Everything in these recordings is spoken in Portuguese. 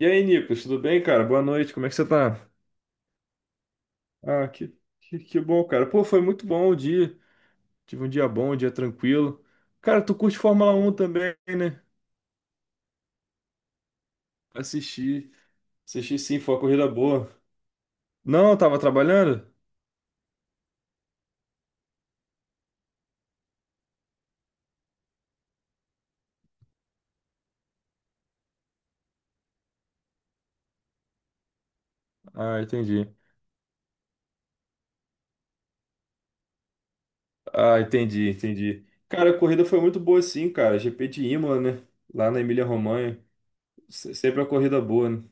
E aí, Nicolas, tudo bem, cara? Boa noite, como é que você tá? Ah, que bom, cara. Pô, foi muito bom o dia. Tive um dia bom, um dia tranquilo. Cara, tu curte Fórmula Um também, né? Assisti, assisti sim, foi uma corrida boa. Não, eu tava trabalhando? Ah, entendi. Ah, entendi, entendi. Cara, a corrida foi muito boa sim, cara. GP de Imola, né? Lá na Emília-Romanha. Sempre uma corrida boa, né?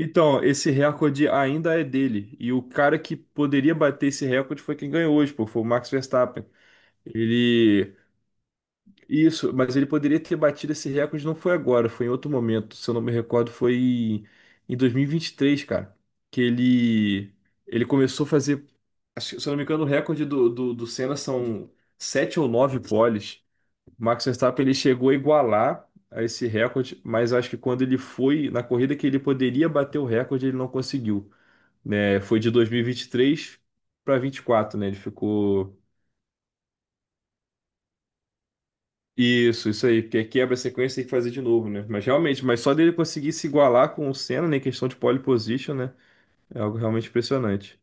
Então, esse recorde ainda é dele. E o cara que poderia bater esse recorde foi quem ganhou hoje, pô. Foi o Max Verstappen. Ele. Isso, mas ele poderia ter batido esse recorde, não foi agora, foi em outro momento. Se eu não me recordo, foi em 2023, cara. Que ele. Ele começou a fazer. Acho que, se eu não me engano, o recorde do Senna são sete ou nove poles. Max Verstappen ele chegou a igualar a esse recorde, mas acho que quando ele foi na corrida que ele poderia bater o recorde, ele não conseguiu. Né? Foi de dois mil e vinte e três para vinte e quatro, né? Ele ficou. Isso aí, porque quebra a sequência e tem que fazer de novo, né? Mas realmente, mas só dele conseguir se igualar com o Senna, né, em questão de pole position, né? É algo realmente impressionante.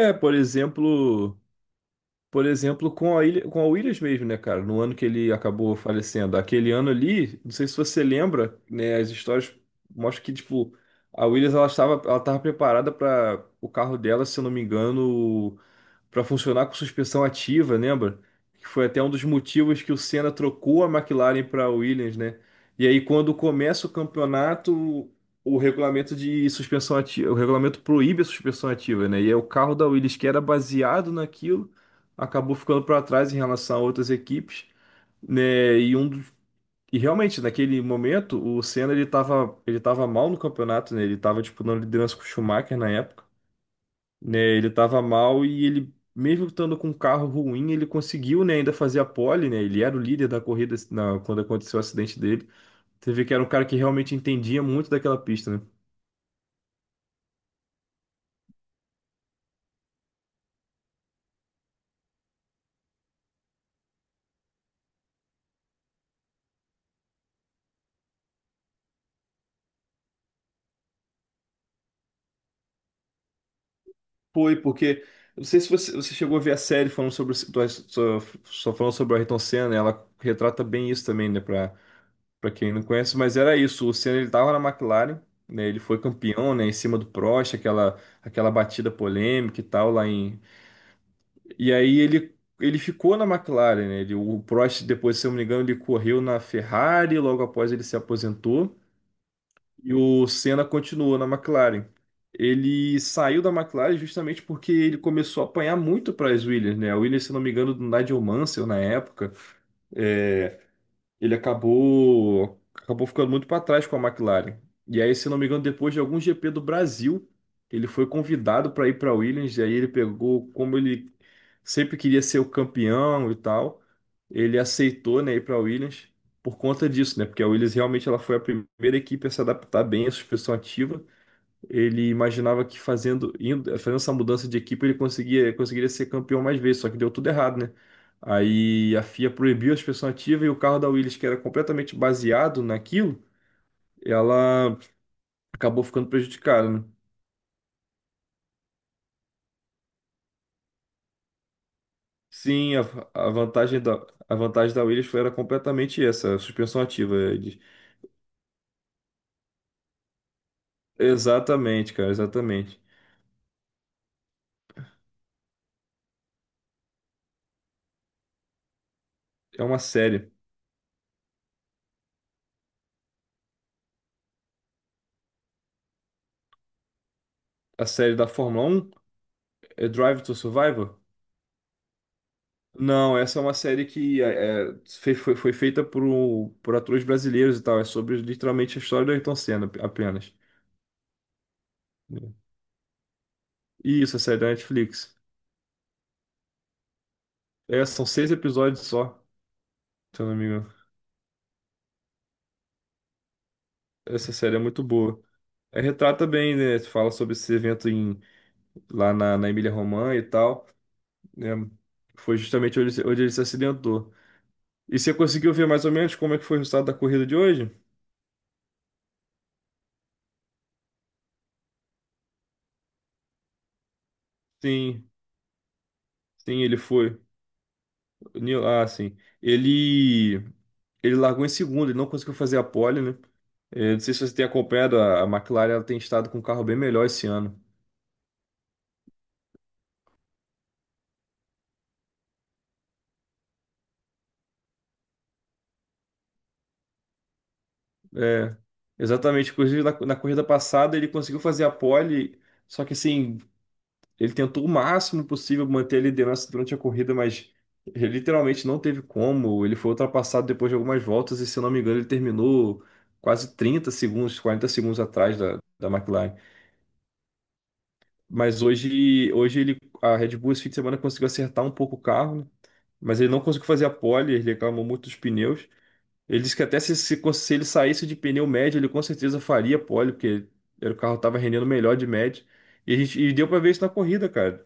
É, por exemplo, com a Ilha, com a Williams mesmo, né, cara? No ano que ele acabou falecendo, aquele ano ali, não sei se você lembra, né, as histórias mostram que tipo a Williams ela estava preparada para o carro dela, se eu não me engano, para funcionar com suspensão ativa, lembra? Que foi até um dos motivos que o Senna trocou a McLaren para a Williams, né? E aí, quando começa o campeonato, o regulamento de suspensão ativa, o regulamento proíbe a suspensão ativa, né? E aí, o carro da Williams, que era baseado naquilo, acabou ficando para trás em relação a outras equipes, né? E realmente, naquele momento, o Senna ele tava mal no campeonato, né? Ele estava disputando liderança com o Schumacher na época, né? Ele tava mal e ele, mesmo estando com um carro ruim, ele conseguiu, né, ainda fazer a pole, né? Ele era o líder da corrida quando aconteceu o acidente dele. Você vê que era um cara que realmente entendia muito daquela pista, né? Foi, porque. Eu não sei se você chegou a ver a série falando sobre, só falando sobre o Ayrton Senna, né? Ela retrata bem isso também, né? Pra quem não conhece, mas era isso. O Senna ele tava na McLaren, né? Ele foi campeão, né? Em cima do Prost, aquela batida polêmica e tal, lá em. E aí ele ficou na McLaren, né? Ele, o Prost, depois, se eu não me engano, ele correu na Ferrari, logo após ele se aposentou, e o Senna continuou na McLaren. Ele saiu da McLaren justamente porque ele começou a apanhar muito para as Williams, né? A Williams, se eu não me engano, do Nigel Mansell na época. É, ele acabou ficando muito para trás com a McLaren. E aí, se não me engano, depois de algum GP do Brasil, ele foi convidado para ir para Williams, e aí ele pegou, como ele sempre queria ser o campeão e tal, ele aceitou, né, ir para Williams por conta disso, né? Porque a Williams realmente ela foi a primeira equipe a se adaptar bem à suspensão ativa. Ele imaginava que fazendo, fazendo essa mudança de equipe ele conseguia, conseguiria ser campeão mais vezes, só que deu tudo errado, né? Aí a FIA proibiu a suspensão ativa e o carro da Williams, que era completamente baseado naquilo, ela acabou ficando prejudicada, né? Sim, a vantagem da, a vantagem da Williams foi, era completamente essa, a suspensão ativa. Exatamente, cara, exatamente. É uma série. A série da Fórmula Um é Drive to Survive. Não, essa é uma série que foi feita por, por atores brasileiros e tal. É sobre literalmente a história do Ayrton Senna apenas. E isso, a série da Netflix. É, são seis episódios só, se eu não me engano. Essa série é muito boa. É, retrata bem, né? Fala sobre esse evento em, lá na Emília-Romagna e tal, né? Foi justamente onde, onde ele se acidentou. E você conseguiu ver mais ou menos como é que foi o resultado da corrida de hoje? Sim, sim, ele foi. Ah, sim. Ele. Ele largou em segundo, ele não conseguiu fazer a pole, né? Não sei se você tem acompanhado, a McLaren ela tem estado com um carro bem melhor esse ano. É, exatamente. Inclusive, na corrida passada, ele conseguiu fazer a pole, só que assim, ele tentou o máximo possível manter a liderança durante a corrida, mas ele literalmente não teve como. Ele foi ultrapassado depois de algumas voltas, e se eu não me engano, ele terminou quase 30 segundos, 40 segundos atrás da McLaren. Mas hoje ele, a Red Bull esse fim de semana conseguiu acertar um pouco o carro, né? Mas ele não conseguiu fazer a pole, ele reclamou muito dos pneus. Ele disse que até se ele saísse de pneu médio, ele com certeza faria pole, porque era, o carro estava rendendo melhor de médio. E, a gente, e deu para ver isso na corrida, cara.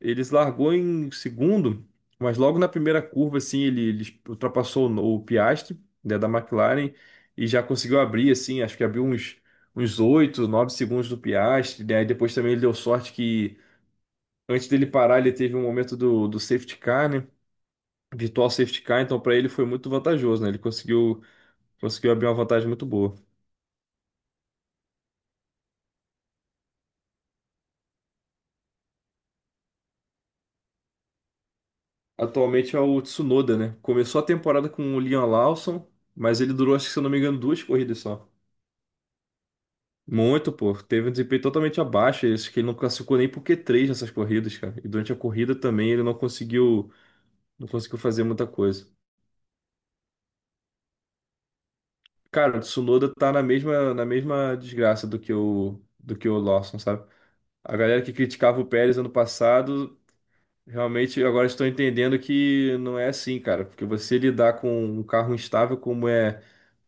Ele largou em segundo, mas logo na primeira curva, assim, ele ultrapassou o Piastri, né, da McLaren, e já conseguiu abrir, assim, acho que abriu uns 8 9 segundos do Piastri, né? Aí depois também ele deu sorte que antes dele parar, ele teve um momento do safety car, né? Virtual safety car, então para ele foi muito vantajoso, né? Ele conseguiu abrir uma vantagem muito boa. Atualmente é o Tsunoda, né? Começou a temporada com o Liam Lawson, mas ele durou, acho que se eu não me engano, duas corridas só. Muito, pô. Teve um desempenho totalmente abaixo. Acho que ele não classificou nem pro Q3 nessas corridas, cara. E durante a corrida também ele não conseguiu fazer muita coisa. Cara, o Tsunoda tá na mesma desgraça do que o Lawson, sabe? A galera que criticava o Pérez ano passado. Realmente, eu agora estou entendendo que não é assim, cara, porque você lidar com um carro instável como é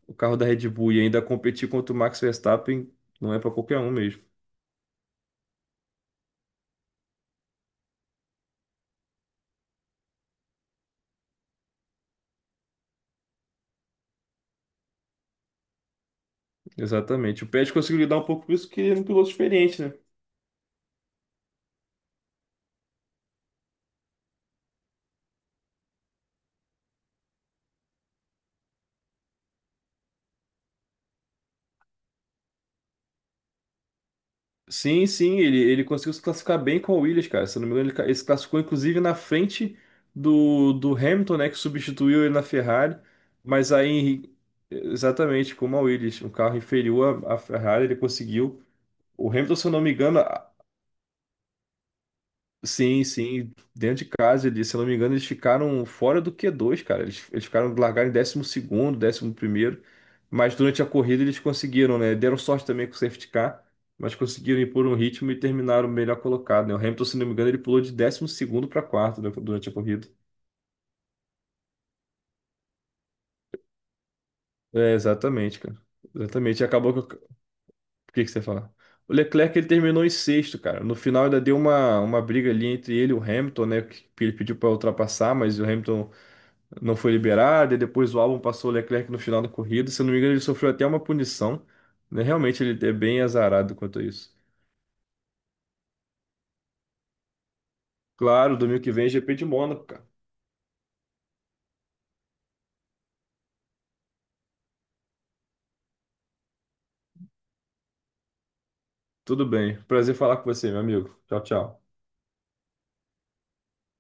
o carro da Red Bull e ainda competir contra o Max Verstappen não é para qualquer um mesmo. Exatamente. O Pérez conseguiu lidar um pouco com isso, que ele é um piloto experiente, né? Sim, sim, ele conseguiu se classificar bem com a Williams, cara. Se eu não me engano, ele se classificou inclusive na frente do Hamilton, né, que substituiu ele na Ferrari, mas aí, exatamente como a Williams, um carro inferior à Ferrari, ele conseguiu. O Hamilton, se eu não me engano. Sim, sim, dentro de casa ali, se eu não me engano, eles ficaram fora do Q2, cara. Eles ficaram, largaram em 12º, 11º. Mas durante a corrida eles conseguiram, né? Deram sorte também com o safety car, mas conseguiram impor um ritmo e terminaram melhor colocado, né? O Hamilton, se não me engano, ele pulou de 12º para quarto, né, durante a corrida. É, exatamente, cara. Exatamente. E acabou que. O que que você ia falar? O Leclerc ele terminou em sexto, cara. No final ainda deu uma briga ali entre ele e o Hamilton, né? Que ele pediu para ultrapassar, mas o Hamilton não foi liberado, e depois o álbum passou o Leclerc no final da corrida. Se eu não me engano, ele sofreu até uma punição, né? Realmente ele é bem azarado quanto a isso. Claro, domingo que vem é GP de Mônaco, cara. Tudo bem. Prazer falar com você, meu amigo. Tchau, tchau.